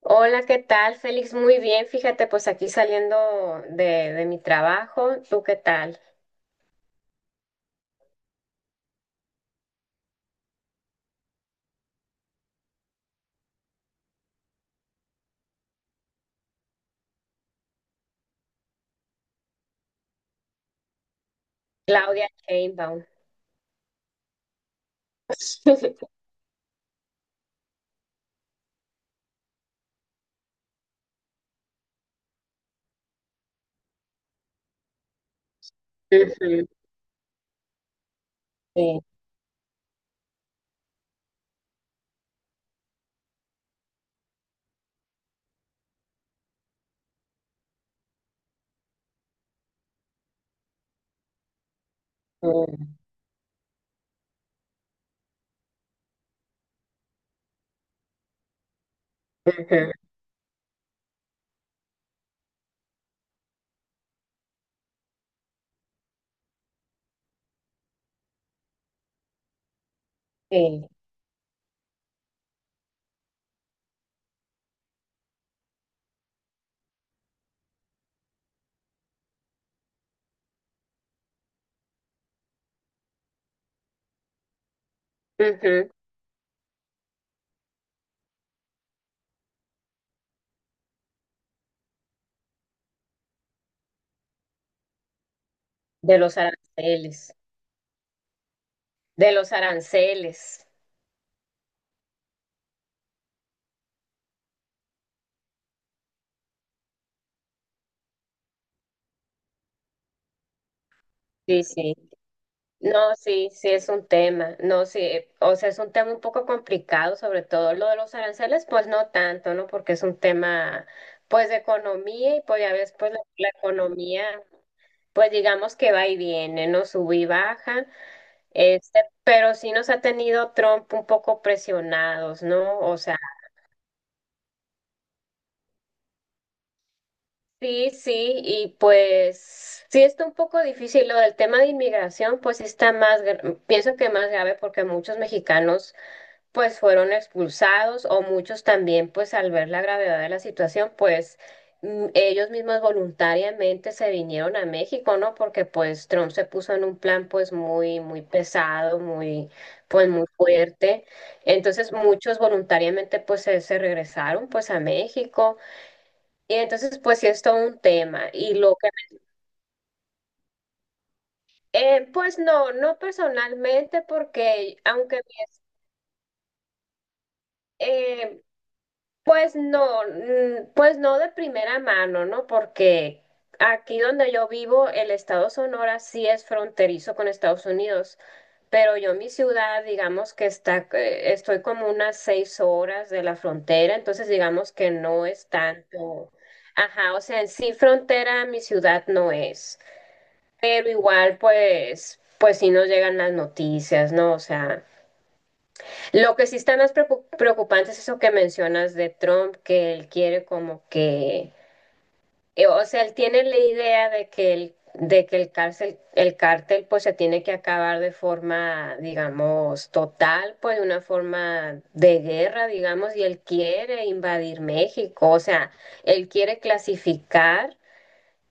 Hola, ¿qué tal, Félix? Muy bien, fíjate, pues aquí saliendo de mi trabajo. ¿Tú qué tal? Claudia Sheinbaum. Ujú, sí, ujú, ujú, sí, ujú, de los aranceles, de los aranceles. Sí, sí. No, sí, sí es un tema. No, sí, o sea, es un tema un poco complicado, sobre todo lo de los aranceles, pues no tanto, ¿no? Porque es un tema, pues, de economía y pues ya ves, pues la economía. Pues digamos que va y viene, ¿no? Sube y baja. Este, pero sí nos ha tenido Trump un poco presionados, ¿no? O sea, sí, sí, y pues sí está un poco difícil lo del tema de inmigración, pues sí está más, pienso que más grave porque muchos mexicanos pues fueron expulsados o muchos también, pues al ver la gravedad de la situación, pues ellos mismos voluntariamente se vinieron a México, ¿no? Porque pues Trump se puso en un plan pues muy, muy pesado, muy, pues muy fuerte. Entonces muchos voluntariamente pues se regresaron pues a México. Y entonces pues sí es todo un tema. Y lo que, pues no, no personalmente porque aunque... eh, Pues no, mm, pues no de primera mano, ¿no? Porque aquí donde yo vivo, el estado Sonora sí es fronterizo con Estados Unidos, pero yo mi ciudad, digamos que está, estoy como unas 6 horas de la frontera, entonces digamos que no es tanto. Ajá, o sea, en sí frontera mi ciudad no es, pero igual pues, pues sí nos llegan las noticias, ¿no? O sea. Lo que sí está más preocupante es eso que mencionas de Trump, que él quiere como que, o sea, él tiene la idea de que el cárcel, el cártel pues se tiene que acabar de forma, digamos, total, pues de una forma de guerra, digamos, y él quiere invadir México, o sea, él quiere clasificar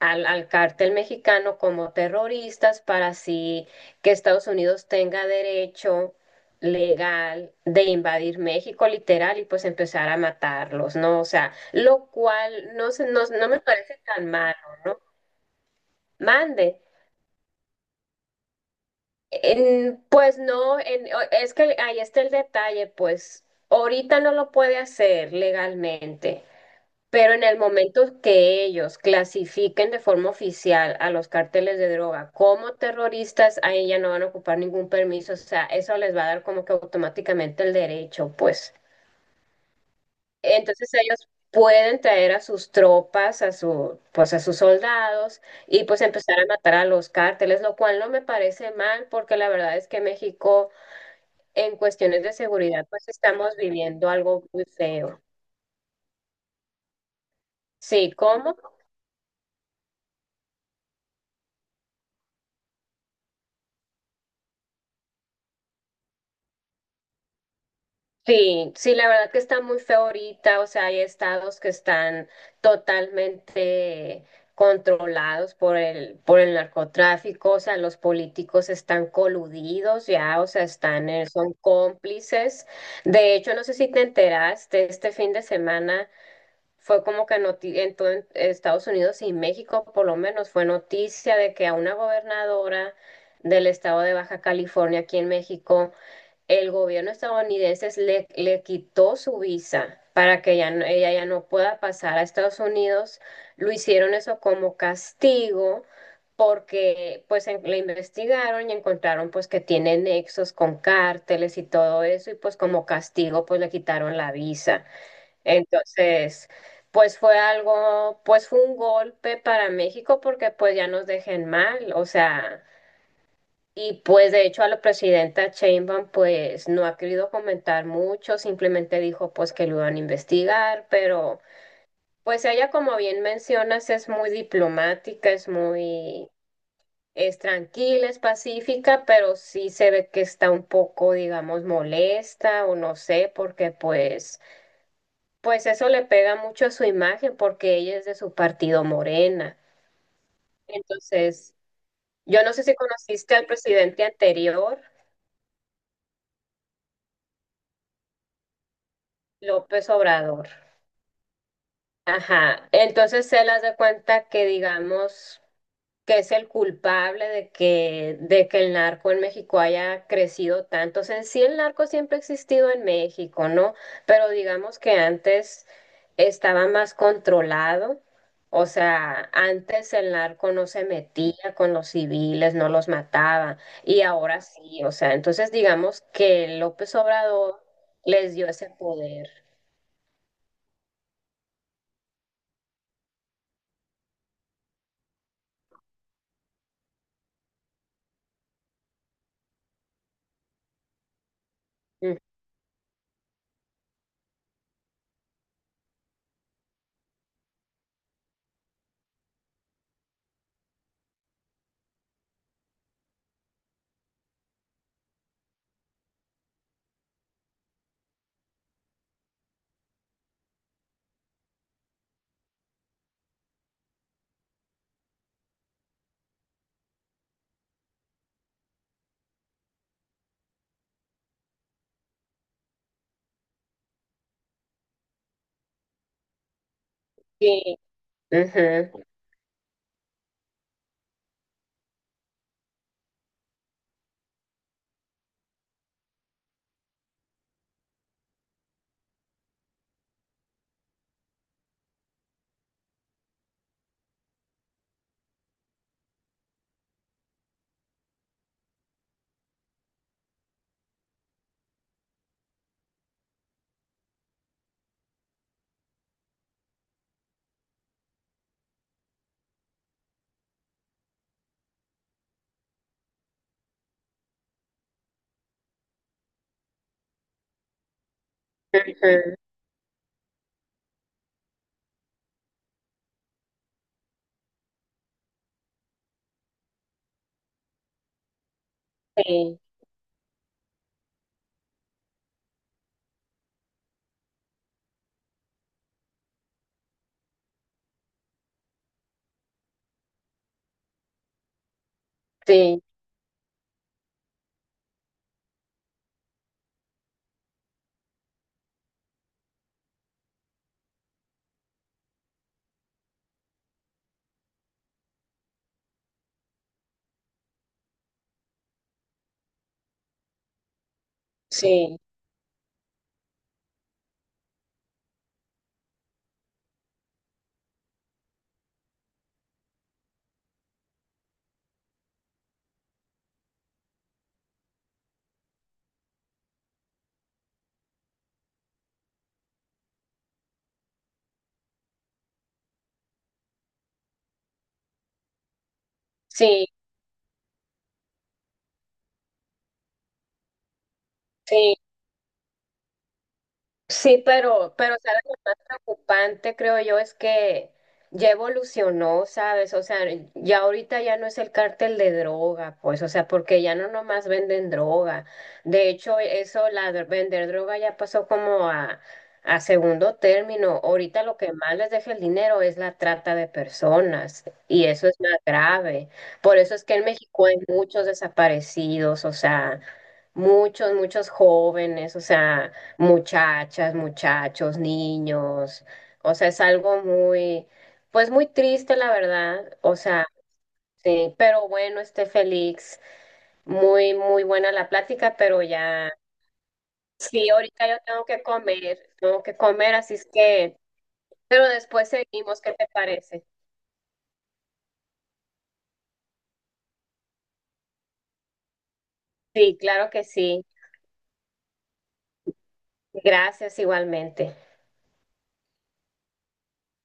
al cártel mexicano como terroristas para así que Estados Unidos tenga derecho legal de invadir México literal y pues empezar a matarlos, ¿no? O sea, lo cual no, no, no me parece tan malo, ¿no? Mande. Pues no, es que ahí está el detalle, pues ahorita no lo puede hacer legalmente. Pero en el momento que ellos clasifiquen de forma oficial a los cárteles de droga como terroristas, ahí ya no van a ocupar ningún permiso, o sea, eso les va a dar como que automáticamente el derecho, pues. Entonces ellos pueden traer a sus tropas, a su, pues a sus soldados y pues empezar a matar a los cárteles, lo cual no me parece mal porque la verdad es que México en cuestiones de seguridad pues estamos viviendo algo muy feo. Sí, ¿cómo? Sí, sí, la verdad que está muy feo ahorita, o sea, hay estados que están totalmente controlados por por el narcotráfico, o sea, los políticos están coludidos ya, o sea, están, son cómplices. De hecho, no sé si te enteraste, este fin de semana fue como que en todo Estados Unidos y México, por lo menos, fue noticia de que a una gobernadora del estado de Baja California aquí en México el gobierno estadounidense le quitó su visa para que ella, ella ya no pueda pasar a Estados Unidos. Lo hicieron eso como castigo porque pues le investigaron y encontraron pues que tiene nexos con cárteles y todo eso y pues como castigo pues le quitaron la visa. Entonces, pues fue algo, pues fue un golpe para México porque pues ya nos dejen mal, o sea... Y pues de hecho a la presidenta Sheinbaum pues no ha querido comentar mucho, simplemente dijo pues que lo iban a investigar, pero pues ella como bien mencionas es muy diplomática, es muy, es tranquila, es pacífica, pero sí se ve que está un poco digamos molesta o no sé, porque pues, pues eso le pega mucho a su imagen porque ella es de su partido Morena. Entonces, yo no sé si conociste al presidente anterior, López Obrador. Ajá, entonces él hace cuenta que digamos que es el culpable de de que el narco en México haya crecido tanto. O sea, en sí el narco siempre ha existido en México, ¿no? Pero digamos que antes estaba más controlado. O sea, antes el narco no se metía con los civiles, no los mataba, y ahora sí. O sea, entonces digamos que López Obrador les dio ese poder. Ujú. Sí. Ujú, ujú. Sí, sí, sí, sí, sí, sí, pero sabes lo más preocupante, creo yo, es que ya evolucionó, ¿sabes? O sea, ya ahorita ya no es el cártel de droga, pues, o sea, porque ya no nomás venden droga. De hecho, eso, la de vender droga ya pasó como a segundo término. Ahorita lo que más les deja el dinero es la trata de personas, y eso es más grave. Por eso es que en México hay muchos desaparecidos, o sea, muchos, muchos jóvenes, o sea muchachas, muchachos, niños. O sea, es algo muy, pues muy triste, la verdad. O sea, sí, pero bueno, este Félix, muy, muy buena la plática, pero ya, sí, ahorita yo tengo que comer, así es que, pero después seguimos, ¿qué te parece? Sí, claro que sí. Gracias igualmente.